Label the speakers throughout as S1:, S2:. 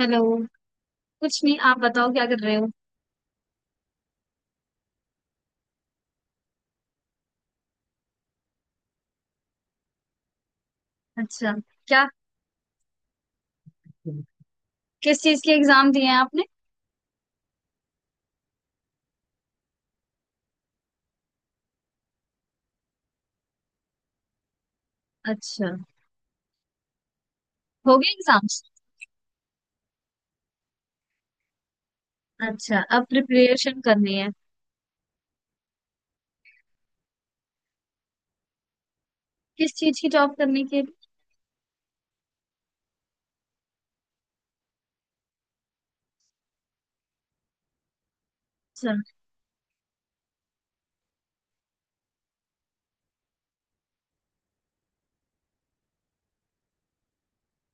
S1: Hello. कुछ नहीं, आप बताओ क्या कर रहे हो। अच्छा। क्या किस चीज के एग्जाम दिए हैं आपने? अच्छा। हो गए एग्जाम्स? अच्छा, अब प्रिपरेशन करनी है? किस चीज की जॉब करने के लिए? अच्छा।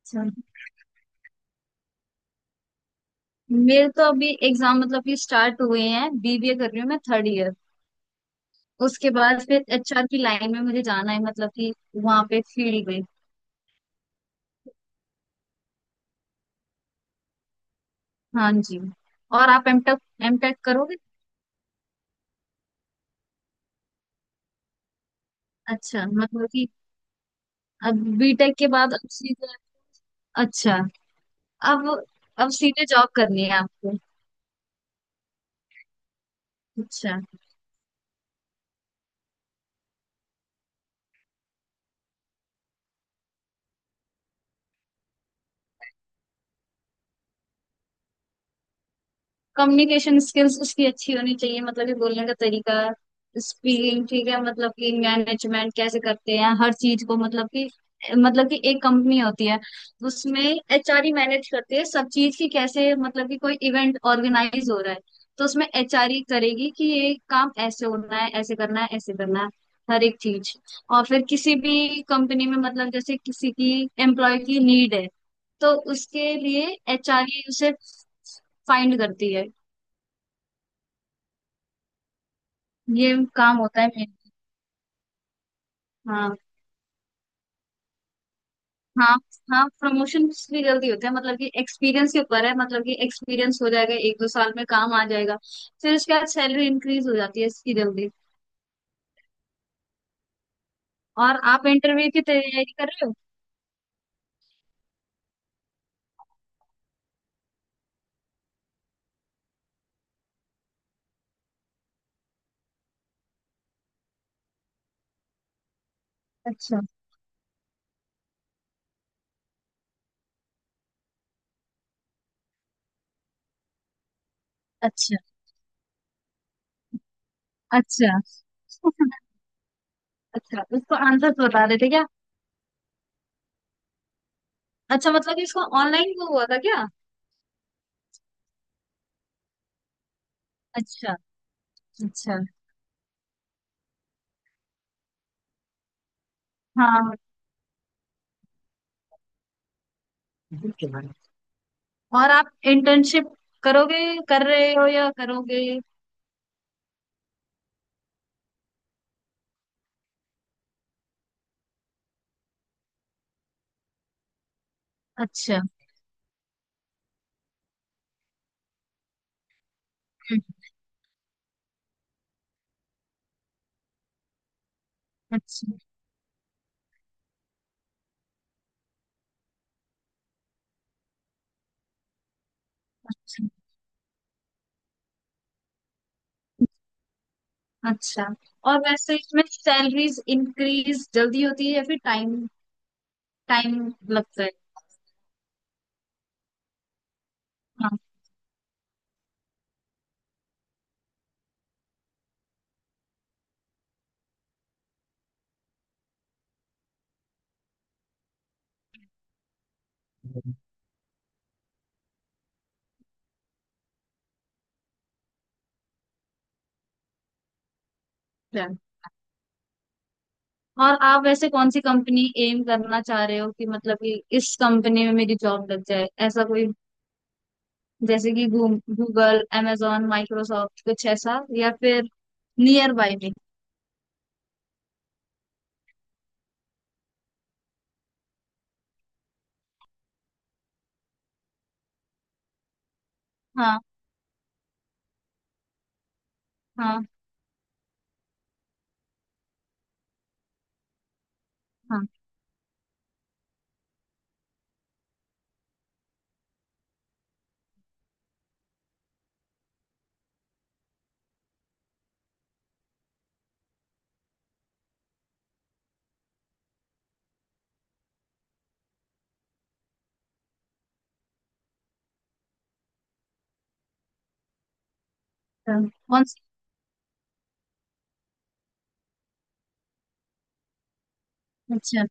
S1: अच्छा, मेरे तो अभी एग्जाम मतलब कि स्टार्ट हुए हैं। बीबीए कर रही हूँ मैं, थर्ड ईयर। उसके बाद फिर एचआर की लाइन में मुझे जाना है, मतलब कि वहां पे फील्ड में। हाँ जी। और आप एमटेक एमटेक करोगे? अच्छा, मतलब कि अब बीटेक के बाद अब सीधे। अच्छा। अब अब सीधे जॉब करनी है आपको? अच्छा। कम्युनिकेशन स्किल्स उसकी अच्छी होनी चाहिए, मतलब कि बोलने का तरीका, स्पीकिंग ठीक है। मतलब कि मैनेजमेंट कैसे करते हैं हर चीज को, मतलब कि एक कंपनी होती है। उसमें एचआर ही मैनेज करती है सब चीज की, कैसे, मतलब कि कोई इवेंट ऑर्गेनाइज हो रहा है तो उसमें एचआर ही करेगी कि ये काम ऐसे होना है, ऐसे करना है, ऐसे करना है, हर एक चीज। और फिर किसी भी कंपनी में, मतलब जैसे किसी की एम्प्लॉय की नीड है, तो उसके लिए एचआरए उसे फाइंड करती है। ये काम होता है मेन। हाँ। हाँ। हाँ, प्रमोशन भी जल्दी होता है, मतलब कि एक्सपीरियंस के ऊपर है, मतलब कि एक्सपीरियंस हो जाएगा एक दो साल में, काम आ जाएगा। फिर उसके बाद सैलरी इंक्रीज हो जाती है इसकी जल्दी। और आप इंटरव्यू की तैयारी कर रहे हो? अच्छा। अच्छा। अच्छा। अच्छा, उसको आंसर बता रहे थे क्या? अच्छा, मतलब कि इसको ऑनलाइन वो हुआ था क्या? अच्छा। अच्छा। हाँ। और आप इंटर्नशिप करोगे कर रहे हो या करोगे? अच्छा। हम्म। अच्छा। अच्छा। अच्छा। और वैसे इसमें सैलरीज इंक्रीज जल्दी होती है या फिर टाइम। टाइम लगता है? हाँ। अच्छा। और आप वैसे कौन सी कंपनी एम करना चाह रहे हो, कि मतलब कि इस कंपनी में मेरी जॉब लग जाए, ऐसा कोई? जैसे कि गूगल, amazon, माइक्रोसॉफ्ट, कुछ ऐसा, या फिर नियर बाय में? हाँ। हाँ। हाँ। अच्छा। कौन सी? अच्छा।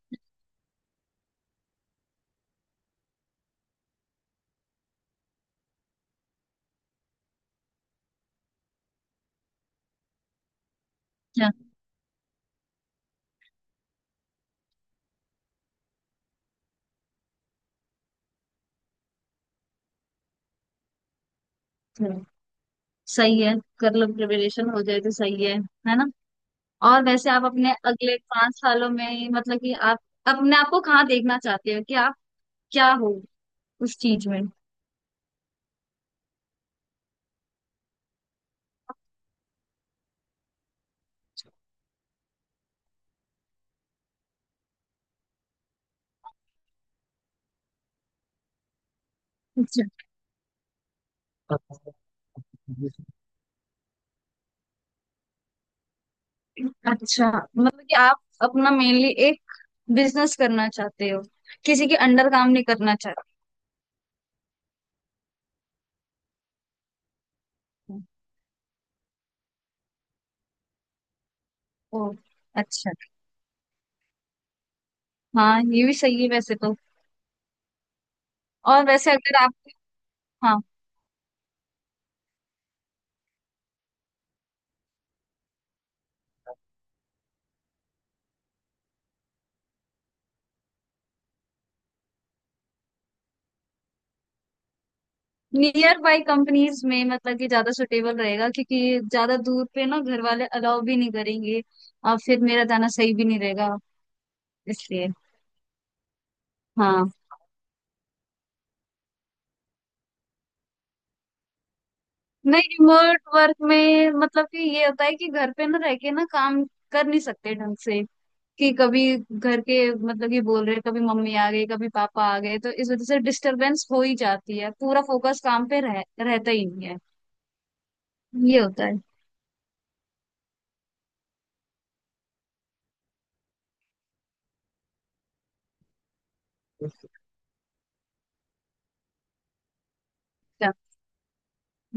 S1: अच्छा। अच्छा, सही है, कर लो प्रिपरेशन, हो जाए तो सही है ना? और वैसे आप अपने अगले 5 सालों में, मतलब कि आप अपने आप को कहाँ देखना चाहते हो, कि आप क्या हो उस चीज में? अच्छा। अच्छा, मतलब कि आप अपना मेनली एक बिजनेस करना चाहते हो, किसी के अंडर काम नहीं करना चाहते? हो। ओ। अच्छा। हाँ, ये भी सही है वैसे तो। और वैसे अगर आप। हाँ। नियर बाई कंपनीज में, मतलब कि ज्यादा सुटेबल रहेगा, क्योंकि ज्यादा दूर पे ना घर वाले अलाउ भी नहीं करेंगे, और फिर मेरा जाना सही भी नहीं रहेगा, इसलिए। हाँ। नहीं, रिमोट वर्क में मतलब कि ये होता है कि घर पे ना रह के ना काम कर नहीं सकते ढंग से। कि कभी घर के, मतलब कि, बोल रहे, कभी मम्मी आ गई, कभी पापा आ गए, तो इस वजह से डिस्टरबेंस हो ही जाती है, पूरा फोकस काम पे रहता ही नहीं है। ये होता है।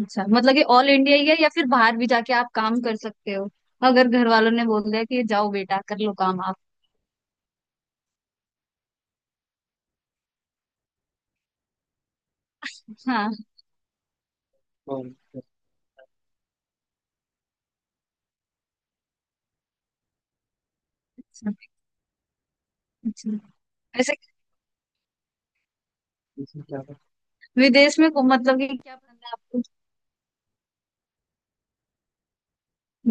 S1: अच्छा, मतलब कि ऑल इंडिया ही है या फिर बाहर भी जाके आप काम कर सकते हो, अगर घर वालों ने बोल दिया कि जाओ बेटा कर लो काम आप? हाँ। अच्छा। अच्छा। वैसे, विदेश में मतलब कि क्या पसंद है आपको?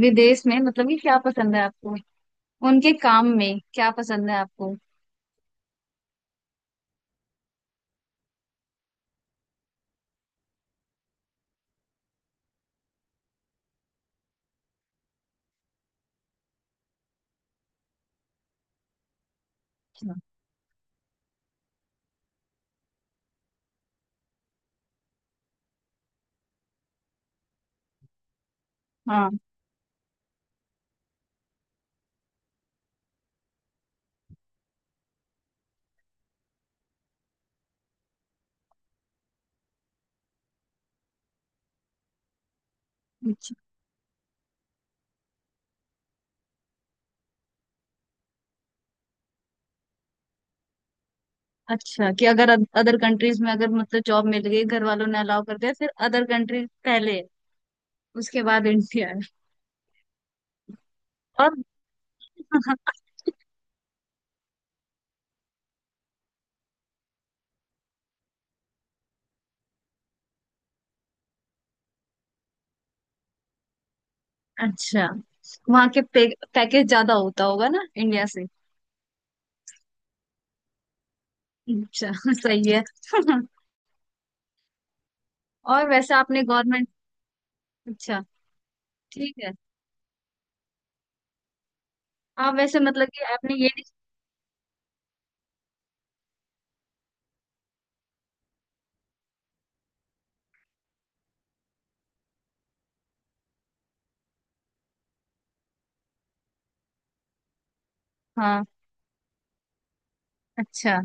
S1: विदेश में मतलब कि क्या पसंद है आपको, उनके काम में क्या पसंद है आपको? अच्छा। हाँ। अच्छा। अच्छा, कि अगर अदर कंट्रीज में अगर मतलब जॉब मिल गई, घर वालों ने अलाउ कर दिया, फिर अदर कंट्रीज पहले है, उसके बाद इंडिया है? और अच्छा, वहाँ के पैकेज ज्यादा होता होगा ना इंडिया से? अच्छा। सही है। और वैसे आपने गवर्नमेंट। अच्छा, ठीक है। आप वैसे मतलब कि आपने ये नहीं। हाँ। अच्छा।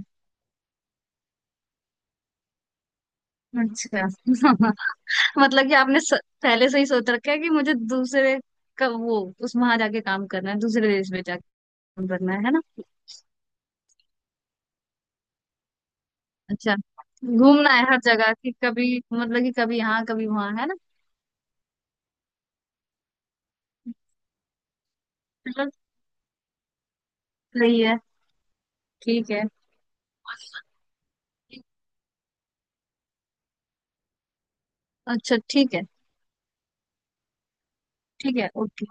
S1: अच्छा। मतलब कि आपने पहले से ही सोच रखा है कि मुझे दूसरे का वो उस वहां जाके काम करना है, दूसरे देश में जाके काम करना है ना? अच्छा, घूमना है हर जगह, कि कभी मतलब कि कभी यहाँ कभी वहां, है ना? मतलब, सही है, ठीक है। अच्छा, ठीक है। ठीक है, ओके।